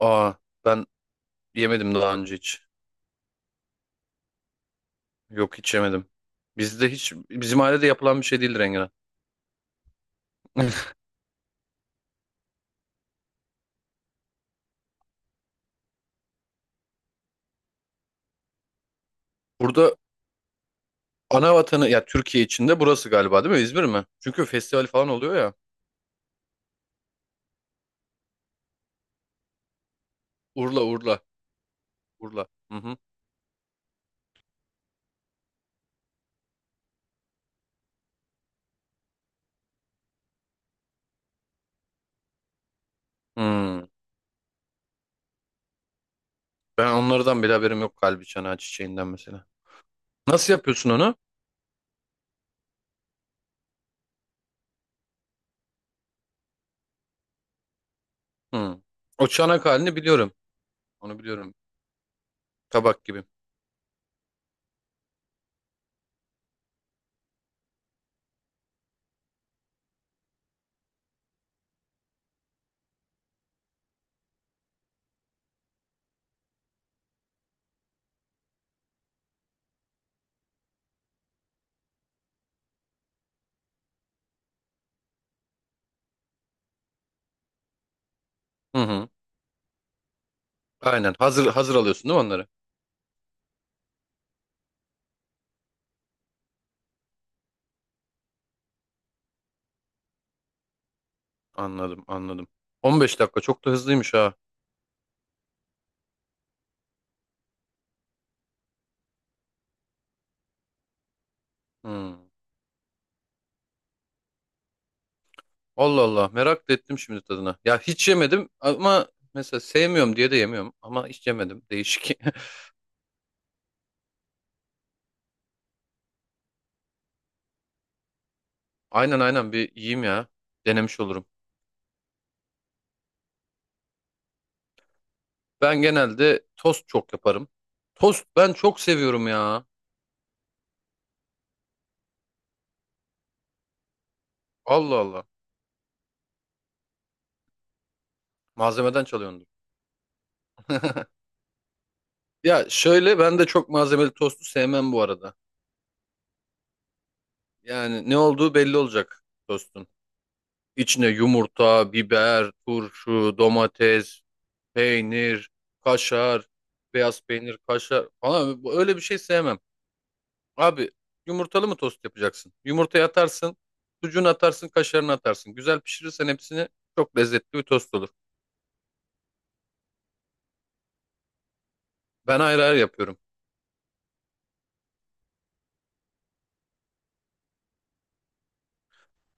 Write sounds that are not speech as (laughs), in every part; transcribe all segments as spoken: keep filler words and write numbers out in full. Aa ben yemedim daha önce hiç. Yok hiç yemedim. Bizde hiç bizim ailede yapılan bir şey değildir enginar. (laughs) Burada ana vatanı ya, Türkiye içinde burası galiba, değil mi? İzmir mi? Çünkü festival falan oluyor ya. Urla Urla Urla. Hı hı. Hmm. Ben onlardan bile haberim yok, kalbi çanağı çiçeğinden mesela. Nasıl yapıyorsun onu? Hmm. O çanak halini biliyorum. Onu biliyorum. Tabak gibi. Hı hı. Aynen. Hazır hazır alıyorsun değil mi onları? Anladım, anladım. 15 dakika çok da hızlıymış ha. Hmm. Allah Allah, merak da ettim şimdi tadına. Ya hiç yemedim ama mesela sevmiyorum diye de yemiyorum, ama hiç yemedim. Değişik. (laughs) Aynen aynen, bir yiyeyim ya. Denemiş olurum. Ben genelde tost çok yaparım. Tost ben çok seviyorum ya. Allah Allah. Malzemeden çalıyordur. (laughs) Ya şöyle, ben de çok malzemeli tostu sevmem bu arada. Yani ne olduğu belli olacak tostun. İçine yumurta, biber, turşu, domates, peynir, kaşar, beyaz peynir, kaşar falan, öyle bir şey sevmem. Abi yumurtalı mı tost yapacaksın? Yumurtayı atarsın, sucuğunu atarsın, kaşarını atarsın. Güzel pişirirsen hepsini, çok lezzetli bir tost olur. Ben ayrı ayrı yapıyorum.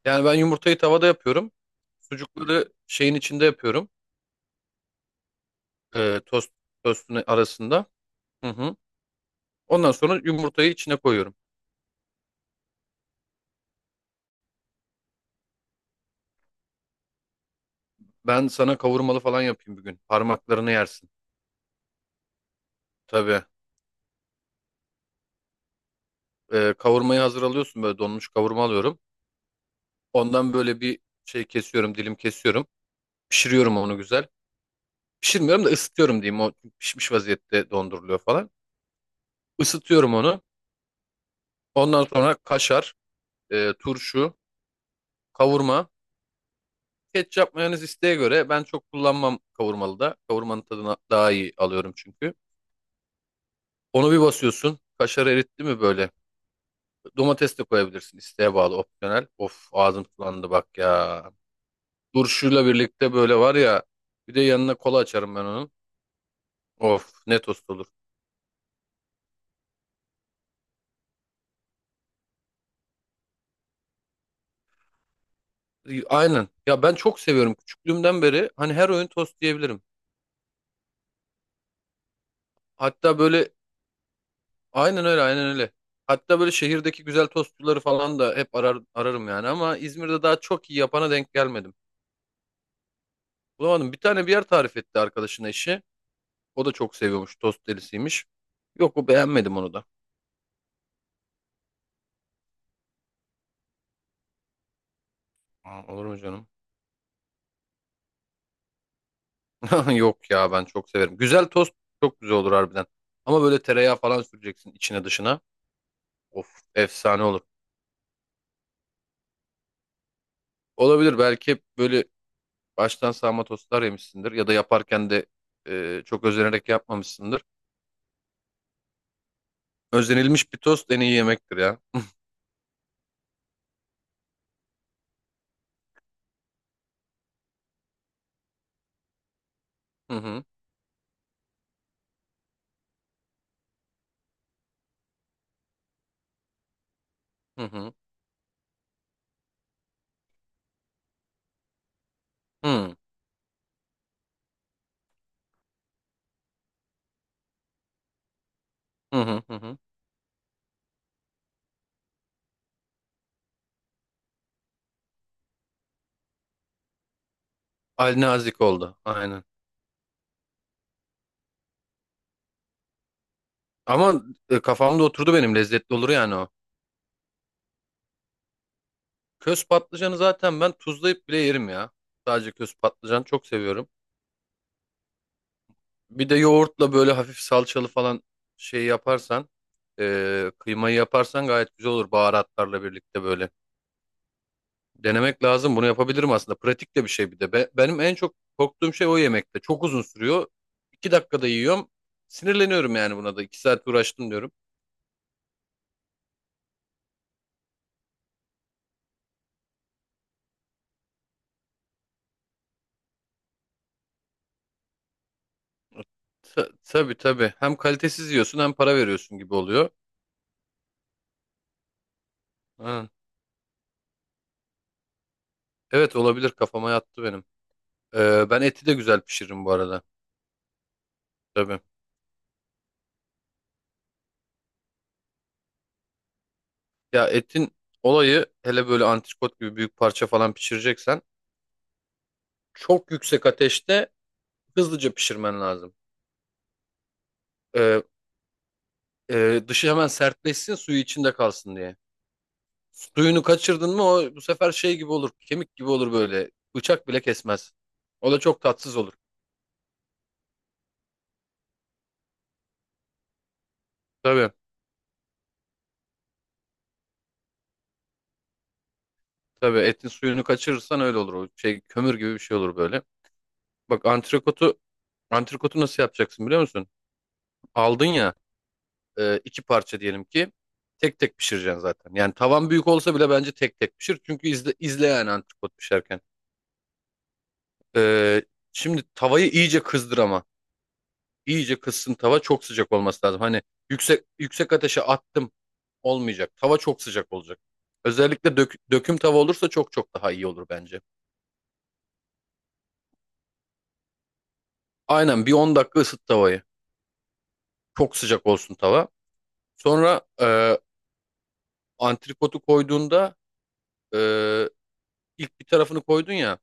Yani ben yumurtayı tavada yapıyorum. Sucukları şeyin içinde yapıyorum. Ee, tost tostun arasında. Hı hı. Ondan sonra yumurtayı içine koyuyorum. Ben sana kavurmalı falan yapayım bir gün. Parmaklarını yersin. Tabii. Ee, kavurmayı hazır alıyorsun, böyle donmuş kavurma alıyorum. Ondan böyle bir şey kesiyorum, dilim kesiyorum. Pişiriyorum onu güzel. Pişirmiyorum da ısıtıyorum diyeyim. O pişmiş vaziyette donduruluyor falan. Isıtıyorum onu. Ondan sonra kaşar, e, turşu, kavurma. Ketçap mayonez isteğe göre, ben çok kullanmam kavurmalı da. Kavurmanın tadını daha iyi alıyorum çünkü. Onu bir basıyorsun. Kaşarı eritti mi böyle? Domates de koyabilirsin, isteğe bağlı, opsiyonel. Of, ağzım sulandı bak ya. Turşuyla birlikte böyle var ya. Bir de yanına kola açarım ben onun. Of, ne tost olur. E, Aynen. Ya ben çok seviyorum. Küçüklüğümden beri hani her oyun tost diyebilirim. Hatta böyle aynen öyle, aynen öyle. Hatta böyle şehirdeki güzel tostçuları falan da hep arar, ararım yani, ama İzmir'de daha çok iyi yapana denk gelmedim. Bulamadım. Bir tane bir yer tarif etti arkadaşına eşi. O da çok seviyormuş. Tost delisiymiş. Yok, o beğenmedim onu da. Aa, olur mu canım? (laughs) Yok ya, ben çok severim. Güzel tost çok güzel olur harbiden. Ama böyle tereyağı falan süreceksin içine dışına. Of, efsane olur. Olabilir, belki böyle baştan sağma tostlar yemişsindir, ya da yaparken de e, çok özenerek yapmamışsındır. Özenilmiş bir tost en iyi yemektir ya. Hı hı hı hı hı hı hı. Hı hı. Al nazik oldu aynen. Ama e, kafamda oturdu benim, lezzetli olur yani o. Köz patlıcanı zaten ben tuzlayıp bile yerim ya. Sadece köz patlıcan çok seviyorum. Bir de yoğurtla böyle hafif salçalı falan şey yaparsan, e, kıymayı yaparsan gayet güzel olur baharatlarla birlikte böyle. Denemek lazım. Bunu yapabilirim aslında. Pratik de bir şey bir de. Be- benim en çok korktuğum şey o yemekte. Çok uzun sürüyor. İki dakikada yiyorum. Sinirleniyorum yani buna da. İki saat uğraştım diyorum. Ta- tabii tabii. Hem kalitesiz yiyorsun hem para veriyorsun gibi oluyor. Ha. Evet, olabilir. Kafama yattı benim. Ee, ben eti de güzel pişiririm bu arada. Tabii. Ya etin olayı, hele böyle antrikot gibi büyük parça falan pişireceksen, çok yüksek ateşte hızlıca pişirmen lazım. Ee, e, dışı hemen sertleşsin, suyu içinde kalsın diye. Suyunu kaçırdın mı o, bu sefer şey gibi olur. Kemik gibi olur böyle. Bıçak bile kesmez. O da çok tatsız olur. Tabii. Tabii etin suyunu kaçırırsan öyle olur. O şey kömür gibi bir şey olur böyle. Bak antrikotu antrikotu nasıl yapacaksın biliyor musun? Aldın ya, e, iki parça diyelim ki, tek tek pişireceksin zaten. Yani tavan büyük olsa bile bence tek tek pişir. Çünkü izle, izle yani antrikot pişerken. E, şimdi tavayı iyice kızdır ama. İyice kızsın tava, çok sıcak olması lazım. Hani yüksek yüksek ateşe attım. Olmayacak. Tava çok sıcak olacak. Özellikle dök- döküm tava olursa çok çok daha iyi olur bence. Aynen, bir 10 dakika ısıt tavayı. Çok sıcak olsun tava. Sonra e, antrikotu koyduğunda, e, ilk bir tarafını koydun ya.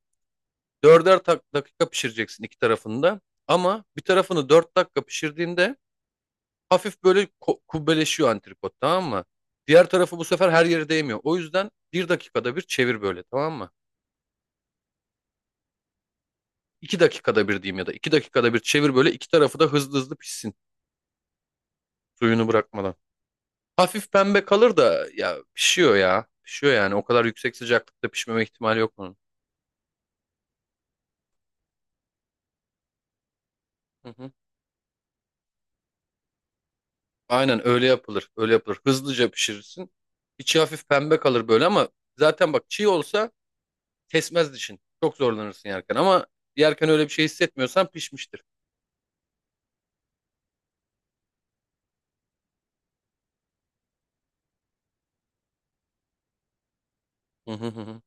Dörder tak- dakika pişireceksin iki tarafını da. Ama bir tarafını dört dakika pişirdiğinde, hafif böyle ko- kubbeleşiyor antrikot, tamam mı? Diğer tarafı bu sefer her yere değmiyor. O yüzden bir dakikada bir çevir böyle, tamam mı? İki dakikada bir diyeyim, ya da iki dakikada bir çevir böyle, iki tarafı da hızlı hızlı pişsin. Suyunu bırakmadan. Hafif pembe kalır da ya, pişiyor ya. Pişiyor yani. O kadar yüksek sıcaklıkta pişmeme ihtimali yok bunun. Hı hı. Aynen öyle yapılır. Öyle yapılır. Hızlıca pişirirsin. İçi hafif pembe kalır böyle ama zaten bak, çiğ olsa kesmez dişin. Çok zorlanırsın yerken ama yerken öyle bir şey hissetmiyorsan pişmiştir. Hı hı hı. Hı.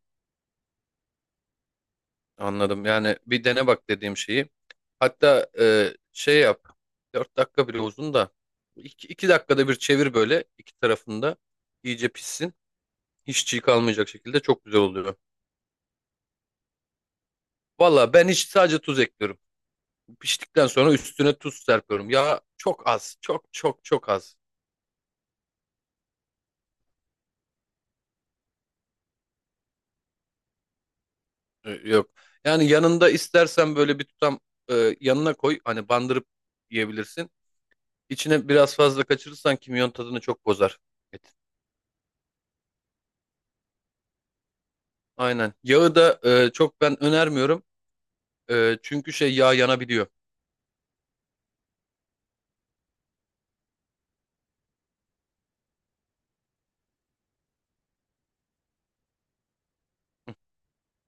Anladım. Yani bir dene bak dediğim şeyi. Hatta e, şey yap. 4 dakika bile uzun da, iki iki dakikada bir çevir böyle, iki tarafında iyice pişsin. Hiç çiğ kalmayacak şekilde çok güzel oluyor. Valla ben hiç sadece tuz ekliyorum. Piştikten sonra üstüne tuz serpiyorum. Ya çok az, çok çok çok az. Ee, Yok. Yani yanında istersen böyle bir tutam, e, yanına koy. Hani bandırıp yiyebilirsin. İçine biraz fazla kaçırırsan kimyon tadını çok bozar. Et. Aynen. Yağı da e, çok ben önermiyorum. E, çünkü şey yağ yanabiliyor.